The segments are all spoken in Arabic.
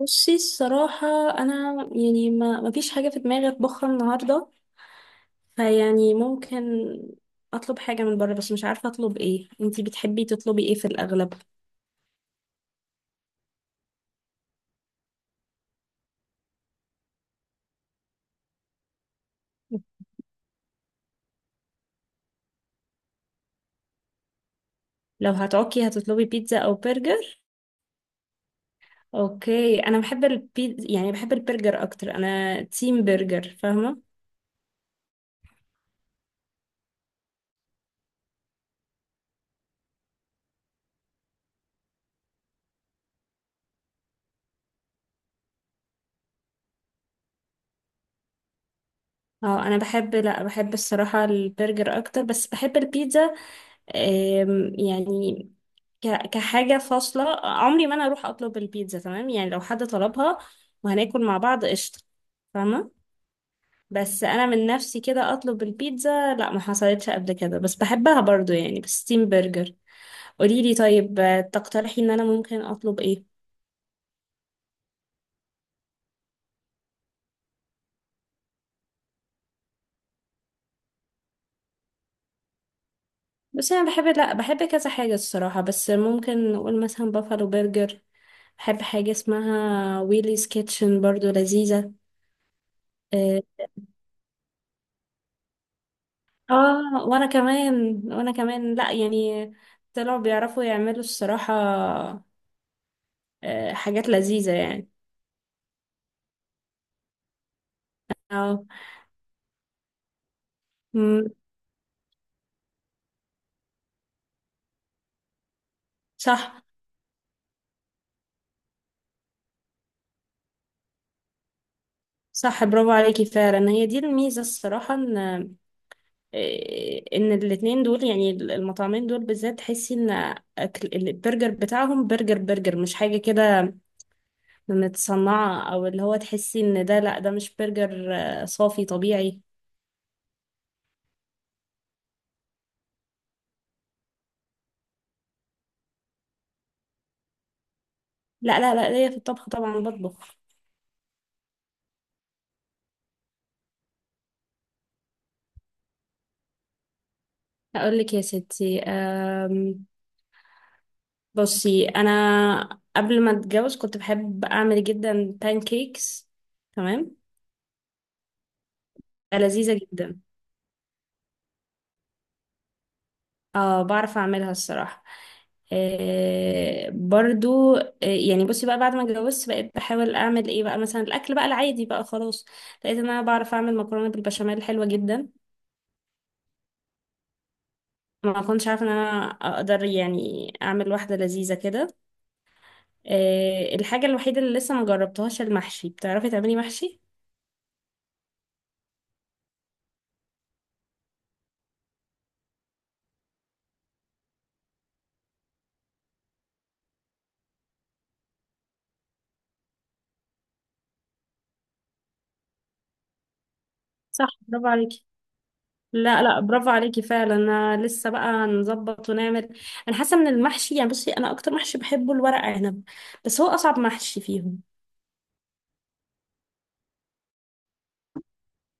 بصي، الصراحة أنا يعني ما فيش حاجة في دماغي أطبخها النهاردة. فيعني ممكن أطلب حاجة من بره، بس مش عارفة أطلب إيه. أنتي بتحبي تطلبي إيه في الأغلب؟ لو هتعكي هتطلبي بيتزا أو برجر؟ أوكي، أنا بحب البيتزا، يعني بحب البرجر أكتر، أنا تيم برجر، فاهمة؟ اه، انا بحب لا بحب الصراحة البرجر اكتر، بس بحب البيتزا. يعني كحاجة فاصلة عمري ما أنا أروح أطلب البيتزا، تمام، يعني لو حد طلبها وهناكل مع بعض قشطة، فاهمة. بس أنا من نفسي كده أطلب البيتزا، لا، ما حصلتش قبل كده، بس بحبها برضو، يعني بالستيم برجر. قوليلي طيب، تقترحي إن أنا ممكن أطلب إيه؟ بس أنا بحب لا بحب كذا حاجة الصراحة، بس ممكن نقول مثلا بافالو برجر. بحب حاجة اسمها ويليز كيتشن، برضو لذيذة. آه، اه، وانا كمان لا يعني طلعوا بيعرفوا يعملوا الصراحة، حاجات لذيذة يعني. اه. مم، صح. صح، برافو عليكي فعلا. هي دي الميزة الصراحة، ان الاتنين دول، يعني المطعمين دول بالذات، تحسي ان أكل البرجر بتاعهم برجر برجر، مش حاجة كده متصنعة، او اللي هو تحسي ان ده، لا ده مش برجر، صافي طبيعي. لا لا لا، ليا في الطبخ طبعا، بطبخ. اقول لك يا ستي، بصي انا قبل ما اتجوز كنت بحب اعمل جدا كيكس، تمام، لذيذه جدا. اه بعرف اعملها الصراحه، برضو يعني. بصي بقى، بعد ما اتجوزت بقيت بحاول اعمل ايه بقى، مثلا الاكل بقى العادي بقى خلاص، لقيت ان انا بعرف اعمل مكرونه بالبشاميل حلوه جدا. ما كنتش عارفه ان انا اقدر يعني اعمل واحده لذيذه كده. الحاجه الوحيده اللي لسه ما جربتهاش المحشي، بتعرفي تعملي محشي؟ صح، برافو عليكي. لا لا، برافو عليكي فعلا، انا لسه بقى نظبط ونعمل. انا حاسه ان المحشي، يعني بصي انا اكتر محشي بحبه الورق عنب، بس هو اصعب محشي فيهم.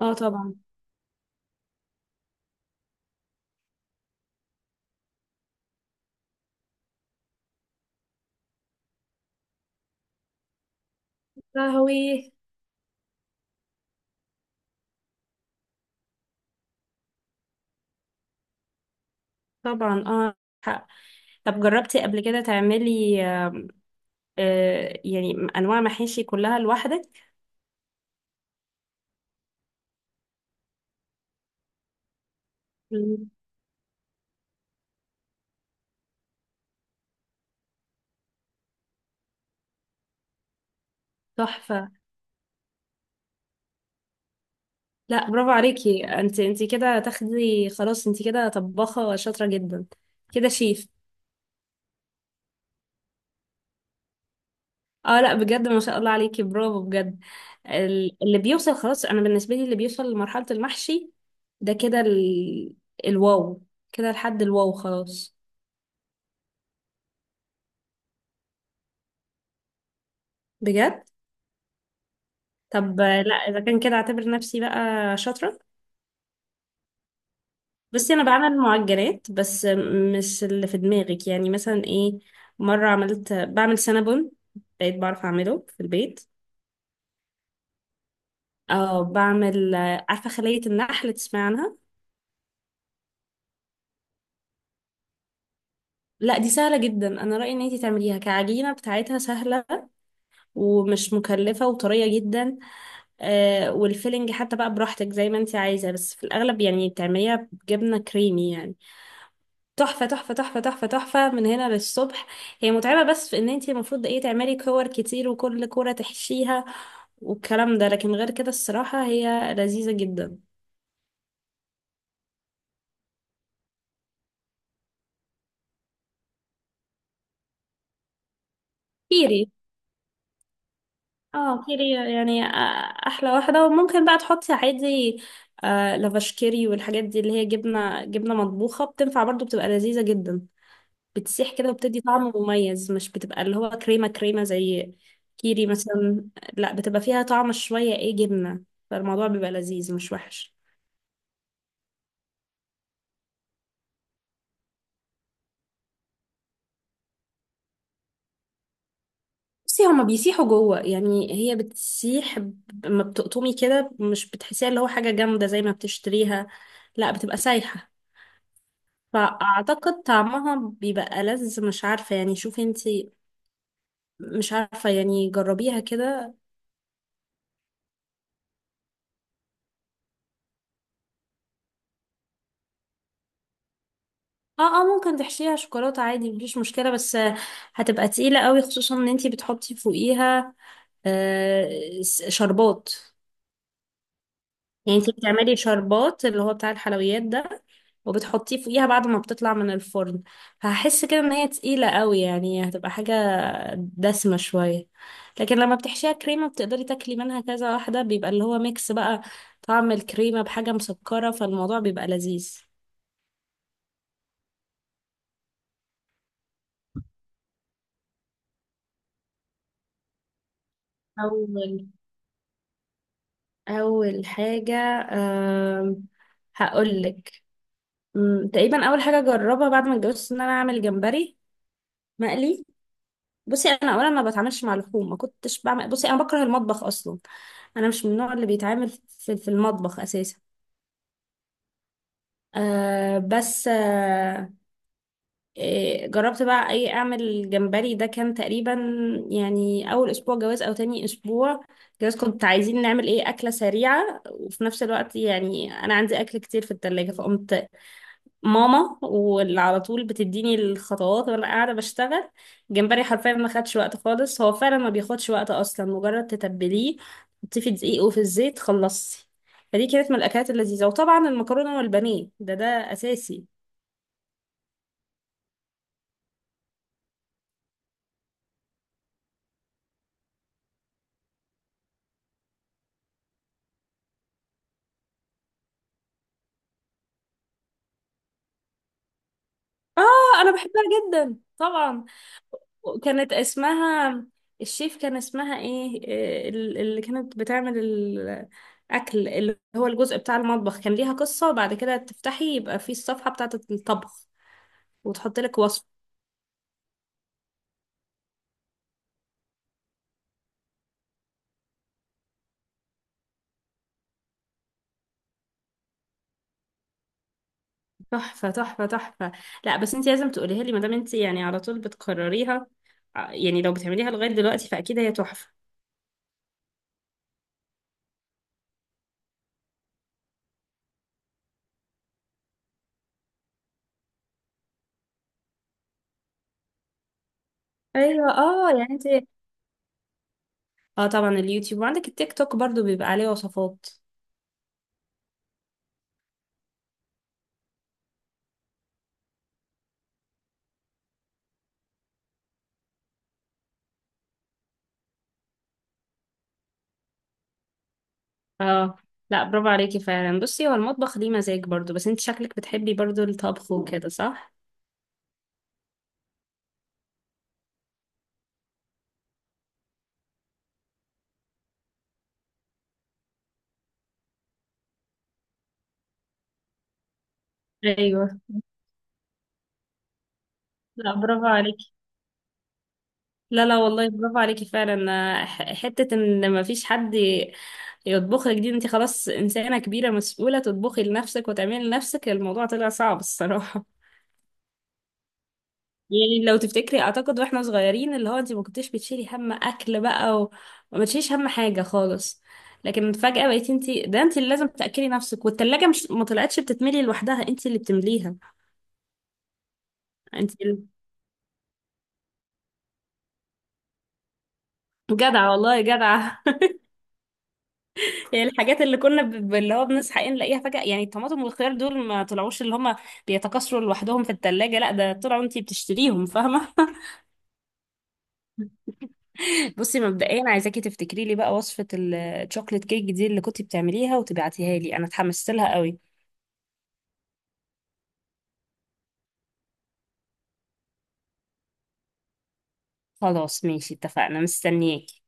اه طبعا. قهوي. طبعا اه. حق. طب جربتي قبل كده تعملي يعني انواع محاشي كلها لوحدك؟ مم. تحفه. لا، برافو عليكي، انت كده تاخدي خلاص، انت كده طباخه شاطره جدا. كده شيف. اه لا بجد، ما شاء الله عليكي، برافو بجد. اللي بيوصل خلاص، انا بالنسبه لي اللي بيوصل لمرحله المحشي ده كده الواو، كده لحد الواو خلاص. بجد. طب لا اذا كان كده اعتبر نفسي بقى شاطره. بس انا بعمل معجنات، بس مش اللي في دماغك، يعني مثلا ايه، مره بعمل سنابون، بقيت بعرف اعمله في البيت. اه بعمل، عارفه خليه النحل، تسمعي عنها. لا دي سهله جدا، انا رايي ان انتي تعمليها، كعجينه بتاعتها سهله ومش مكلفة وطرية جدا. والفيلنج حتى بقى براحتك زي ما انت عايزة، بس في الأغلب يعني بتعمليها بجبنة كريمي يعني. تحفة تحفة تحفة تحفة تحفة من هنا للصبح. هي متعبة بس في ان انت المفروض ايه تعملي كور كتير، وكل كورة تحشيها والكلام ده، لكن غير كده الصراحة هي لذيذة جدا. كيري. اه، كيري يعني، احلى واحدة. وممكن بقى تحطي عادي لافاش، كيري والحاجات دي اللي هي جبنة، مطبوخة، بتنفع برضو، بتبقى لذيذة جدا. بتسيح كده وبتدي طعم مميز، مش بتبقى اللي هو كريمة كريمة زي كيري مثلا، لا بتبقى فيها طعم شوية، ايه، جبنة، فالموضوع بيبقى لذيذ مش وحش. بصي هما بيسيحوا جوه، يعني هي بتسيح لما بتقطمي كده مش بتحسيها اللي هو حاجة جامدة زي ما بتشتريها، لا بتبقى سايحة. فأعتقد طعمها بيبقى ألذ، مش عارفة يعني، شوفي انتي، مش عارفة يعني، جربيها كده. اه اه، ممكن تحشيها شوكولاتة عادي، مفيش مشكلة، بس هتبقى تقيلة قوي، خصوصا ان انتي بتحطي فوقيها شربات. يعني انتي بتعملي شربات اللي هو بتاع الحلويات ده، وبتحطيه فوقيها بعد ما بتطلع من الفرن، فهحس كده ان هي تقيلة قوي، يعني هتبقى حاجة دسمة شوية. لكن لما بتحشيها كريمة بتقدري تاكلي منها كذا واحدة، بيبقى اللي هو ميكس بقى طعم الكريمة بحاجة مسكرة، فالموضوع بيبقى لذيذ. أول اول حاجه، أم... هقول لك. تقريبا اول حاجه جربها بعد ما اتجوزت ان انا اعمل جمبري مقلي. بصي انا اولا ما بتعاملش مع اللحوم، ما كنتش بعمل. بصي انا بكره المطبخ اصلا، انا مش من النوع اللي بيتعامل في المطبخ اساسا. أه بس أه إيه، جربت بقى اي اعمل جمبري. ده كان تقريبا يعني اول اسبوع جواز او تاني اسبوع جواز. كنت عايزين نعمل ايه اكله سريعه، وفي نفس الوقت يعني انا عندي اكل كتير في التلاجة، فقمت ماما واللي على طول بتديني الخطوات، وانا قاعده بشتغل. جمبري حرفيا ما خدش وقت خالص، هو فعلا ما بياخدش وقت اصلا، مجرد تتبليه تحطيه في دقيق وفي الزيت، خلصتي. فدي كانت من الاكلات اللذيذه، وطبعا المكرونه والبانيه ده اساسي. اه انا بحبها جدا طبعا. كانت اسمها الشيف، كان اسمها ايه؟ اللي كانت بتعمل الاكل، اللي هو الجزء بتاع المطبخ، كان ليها قصه، وبعد كده تفتحي يبقى في الصفحه بتاعه الطبخ وتحط لك وصفة. تحفة تحفة تحفة. لا بس انت لازم تقوليها لي ما دام انت يعني على طول بتكرريها، يعني لو بتعمليها لغاية دلوقتي فأكيد هي تحفة. ايوه، اه، يعني انت. اه طبعا، اليوتيوب، وعندك التيك توك برضو بيبقى عليه وصفات. اه لا، برافو عليكي فعلا، بصي هو المطبخ ليه مزاج برضو، بس انت شكلك بتحبي برضو الطبخ وكده، صح؟ ايوه. لا برافو عليكي. لا لا والله، برافو عليكي فعلا، حتة ان ما فيش حد يطبخ لك، دي انت خلاص انسانة كبيرة مسؤولة تطبخي لنفسك وتعملي لنفسك، الموضوع طلع صعب الصراحة. يعني لو تفتكري، اعتقد واحنا صغيرين اللي هو انت ما كنتيش بتشيلي هم اكل بقى وما تشيليش هم حاجة خالص، لكن فجأة بقيتي انت، ده انت اللي لازم تأكلي نفسك، والتلاجة مش، ما طلعتش بتتملي لوحدها، انت اللي بتمليها. انت جدعة والله، جدعة. الحاجات اللي كنا اللي هو بنصحى ايه نلاقيها فجأة، يعني الطماطم والخيار دول ما طلعوش اللي هما بيتكاثروا لوحدهم في التلاجة، لا ده طلعوا انتي بتشتريهم، فاهمة. بصي مبدئيا، عايزاكي تفتكري لي بقى وصفة الشوكليت كيك دي اللي كنتي بتعمليها وتبعتيها لي، انا اتحمست لها قوي. خلاص ماشي، اتفقنا، مستنياكي.